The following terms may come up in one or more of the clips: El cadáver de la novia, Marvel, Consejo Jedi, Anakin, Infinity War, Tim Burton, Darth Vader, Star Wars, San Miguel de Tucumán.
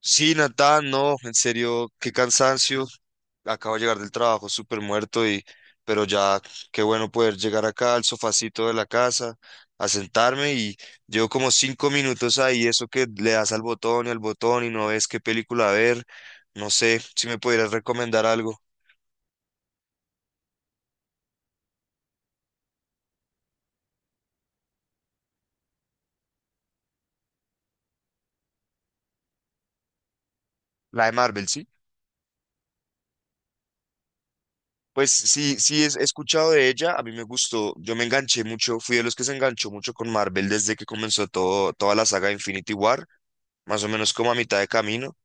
Sí, Natán, no, en serio, qué cansancio. Acabo de llegar del trabajo súper muerto y, pero ya, qué bueno poder llegar acá al sofacito de la casa, a sentarme y llevo como 5 minutos ahí, eso que le das al botón y no ves qué película ver. No sé si me pudieras recomendar algo. La de Marvel, ¿sí? Pues sí, sí, he escuchado de ella, a mí me gustó, yo me enganché mucho, fui de los que se enganchó mucho con Marvel desde que comenzó todo, toda la saga de Infinity War, más o menos como a mitad de camino.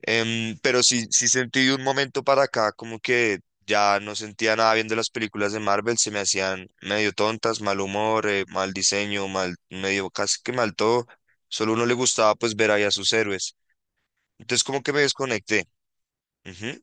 Pero sí, sí sentí de un momento para acá como que ya no sentía nada bien de las películas de Marvel, se me hacían medio tontas, mal humor, mal diseño, mal, medio casi que mal todo. Solo uno le gustaba pues ver ahí a sus héroes. Entonces como que me desconecté. Ujú.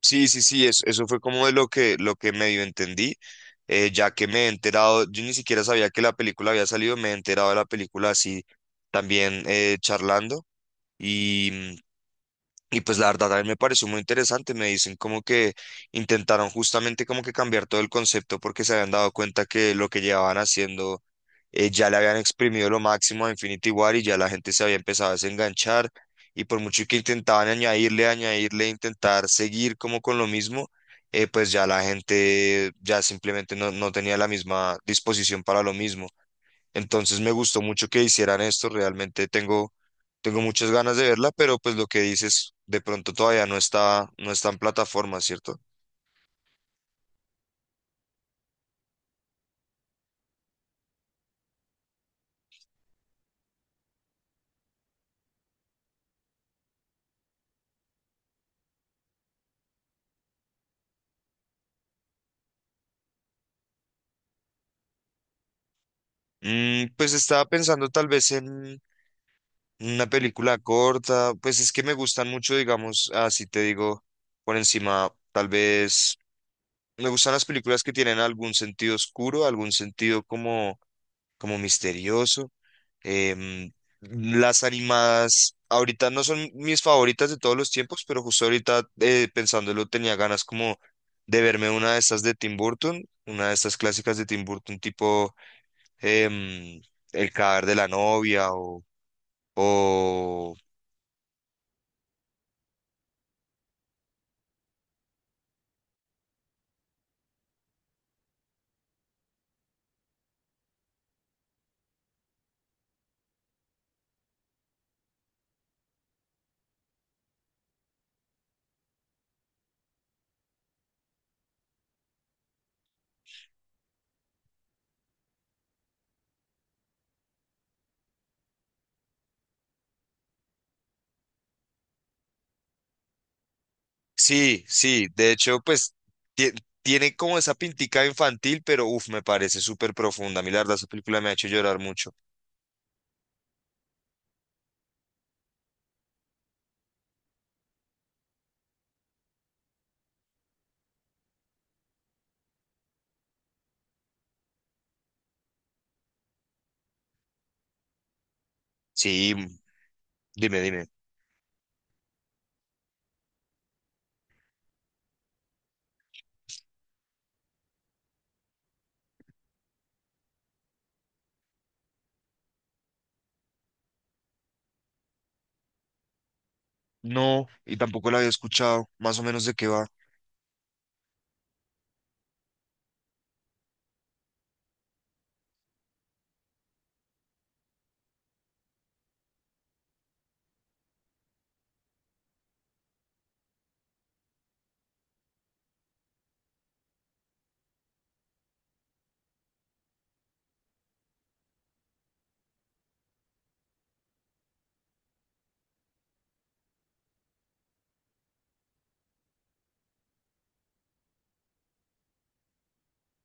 Sí, sí, sí, eso fue como de lo que medio entendí, ya que me he enterado, yo ni siquiera sabía que la película había salido, me he enterado de la película así también charlando. Y, Y pues la verdad a mí me pareció muy interesante, me dicen como que intentaron justamente como que cambiar todo el concepto porque se habían dado cuenta que lo que llevaban haciendo ya le habían exprimido lo máximo a Infinity War y ya la gente se había empezado a desenganchar y por mucho que intentaban añadirle, intentar seguir como con lo mismo, pues ya la gente ya simplemente no, no tenía la misma disposición para lo mismo. Entonces me gustó mucho que hicieran esto, realmente tengo muchas ganas de verla, pero pues lo que dices, de pronto todavía no está, no está en plataforma, ¿cierto? Mm, pues estaba pensando tal vez en una película corta, pues es que me gustan mucho, digamos, así te digo, por encima, tal vez me gustan las películas que tienen algún sentido oscuro, algún sentido como misterioso. Em, las animadas ahorita no son mis favoritas de todos los tiempos, pero justo ahorita pensándolo tenía ganas como de verme una de estas de Tim Burton, una de estas clásicas de Tim Burton tipo em, El cadáver de la novia o... Sí, sí, de hecho pues tie- tiene como esa pintica infantil, pero uff, me parece súper profunda. A mí la verdad esa película me ha hecho llorar mucho. Sí, dime, dime. No, y tampoco la había escuchado, más o menos de qué va.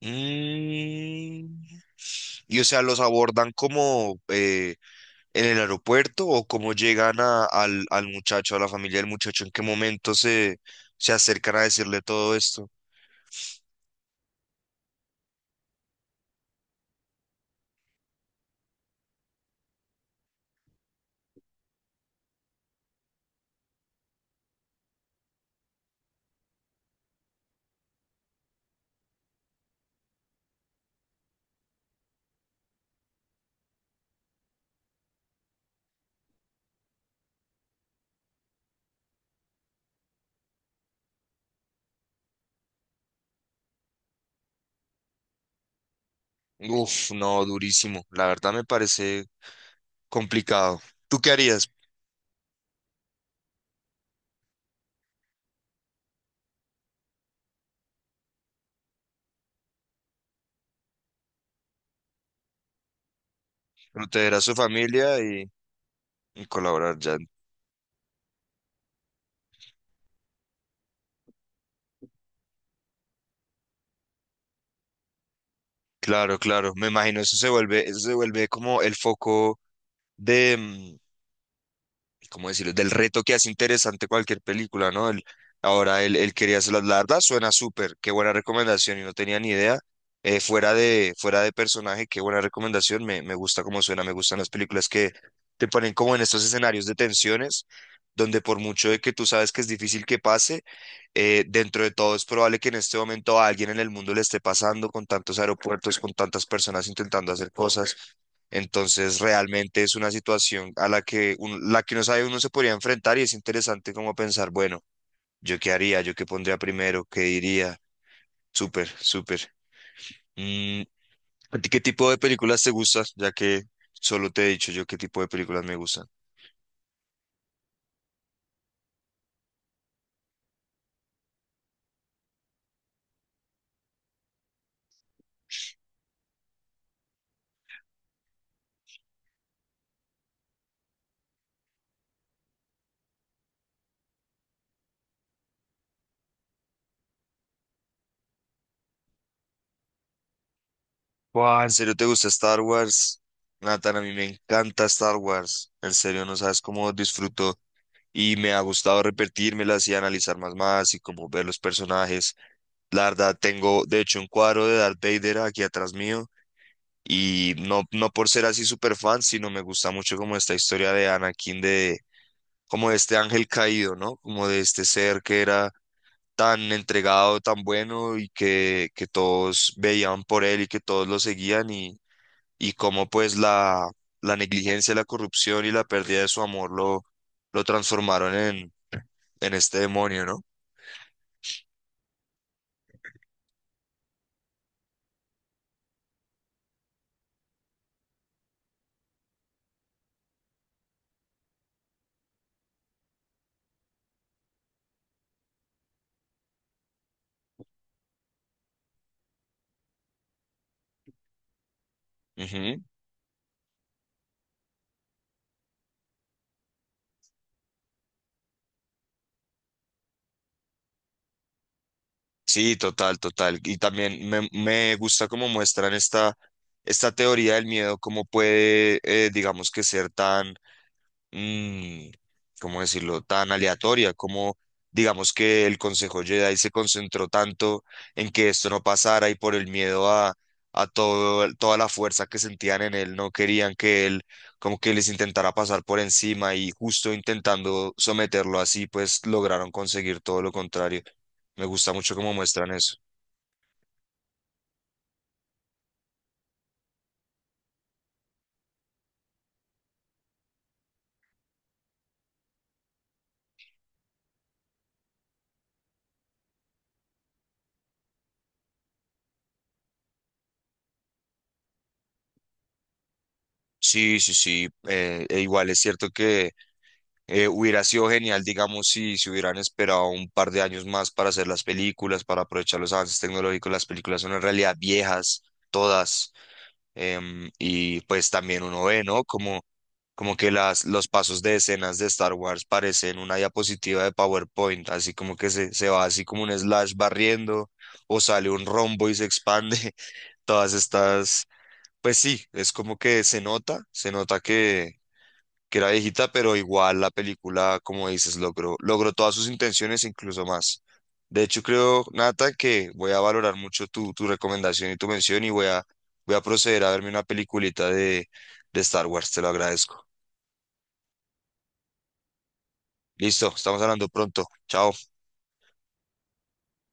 Mm, y o sea, los abordan como en el aeropuerto o cómo llegan al, al muchacho, a la familia del muchacho, en qué momento se acercan a decirle todo esto. Uf, no, durísimo. La verdad me parece complicado. ¿Tú qué harías? Proteger a su familia y colaborar ya. Claro, claro. Me imagino eso se vuelve como el foco de, mm, ¿cómo decirlo? Del reto que hace interesante cualquier película, ¿no? Ahora él quería hacerlas, la verdad suena súper, qué buena recomendación y no tenía ni idea. Fuera de personaje, qué buena recomendación, me gusta cómo suena, me gustan las películas que te ponen como en estos escenarios de tensiones, donde por mucho de que tú sabes que es difícil que pase, dentro de todo es probable que en este momento a alguien en el mundo le esté pasando con tantos aeropuertos, con tantas personas intentando hacer cosas. Entonces, realmente es una situación a la que, la que no sabe uno se podría enfrentar y es interesante como pensar, bueno, ¿yo qué haría? ¿Yo qué pondría primero? ¿Qué diría? Súper, súper. Mm, ¿a ti qué tipo de películas te gustan? Ya que solo te he dicho yo qué tipo de películas me gustan. Buah, ¿en serio te gusta Star Wars? Nathan, a mí me encanta Star Wars. En serio, no sabes cómo disfruto y me ha gustado repetírmelas y analizar más más y como ver los personajes. La verdad, tengo de hecho un cuadro de Darth Vader aquí atrás mío y no, no por ser así súper fan, sino me gusta mucho como esta historia de Anakin, de como de este ángel caído, ¿no? Como de este ser que era tan entregado, tan bueno y que todos veían por él y que todos lo seguían y cómo pues la negligencia, la corrupción y la pérdida de su amor lo transformaron en este demonio, ¿no? Sí, total, total. Y también me gusta cómo muestran esta teoría del miedo, cómo puede, digamos que ser tan mm, ¿cómo decirlo?, tan aleatoria, como digamos que el Consejo Jedi se concentró tanto en que esto no pasara y por el miedo a todo, toda la fuerza que sentían en él, no querían que él como que les intentara pasar por encima y justo intentando someterlo así, pues lograron conseguir todo lo contrario. Me gusta mucho cómo muestran eso. Sí, sí, sí. E igual es cierto que hubiera sido genial, digamos, si se hubieran esperado un par de años más para hacer las películas, para aprovechar los avances tecnológicos. Las películas son en realidad viejas, todas. Y pues también uno ve, ¿no? Como, como que los pasos de escenas de Star Wars parecen una diapositiva de PowerPoint, así como que se va así como un slash barriendo, o sale un rombo y se expande. Todas estas, pues sí, es como que se nota que era viejita, pero igual la película, como dices, logró todas sus intenciones, incluso más. De hecho, creo, Nata, que voy a valorar mucho tu recomendación y tu mención y voy voy a proceder a verme una peliculita de Star Wars, te lo agradezco. Listo, estamos hablando pronto. Chao.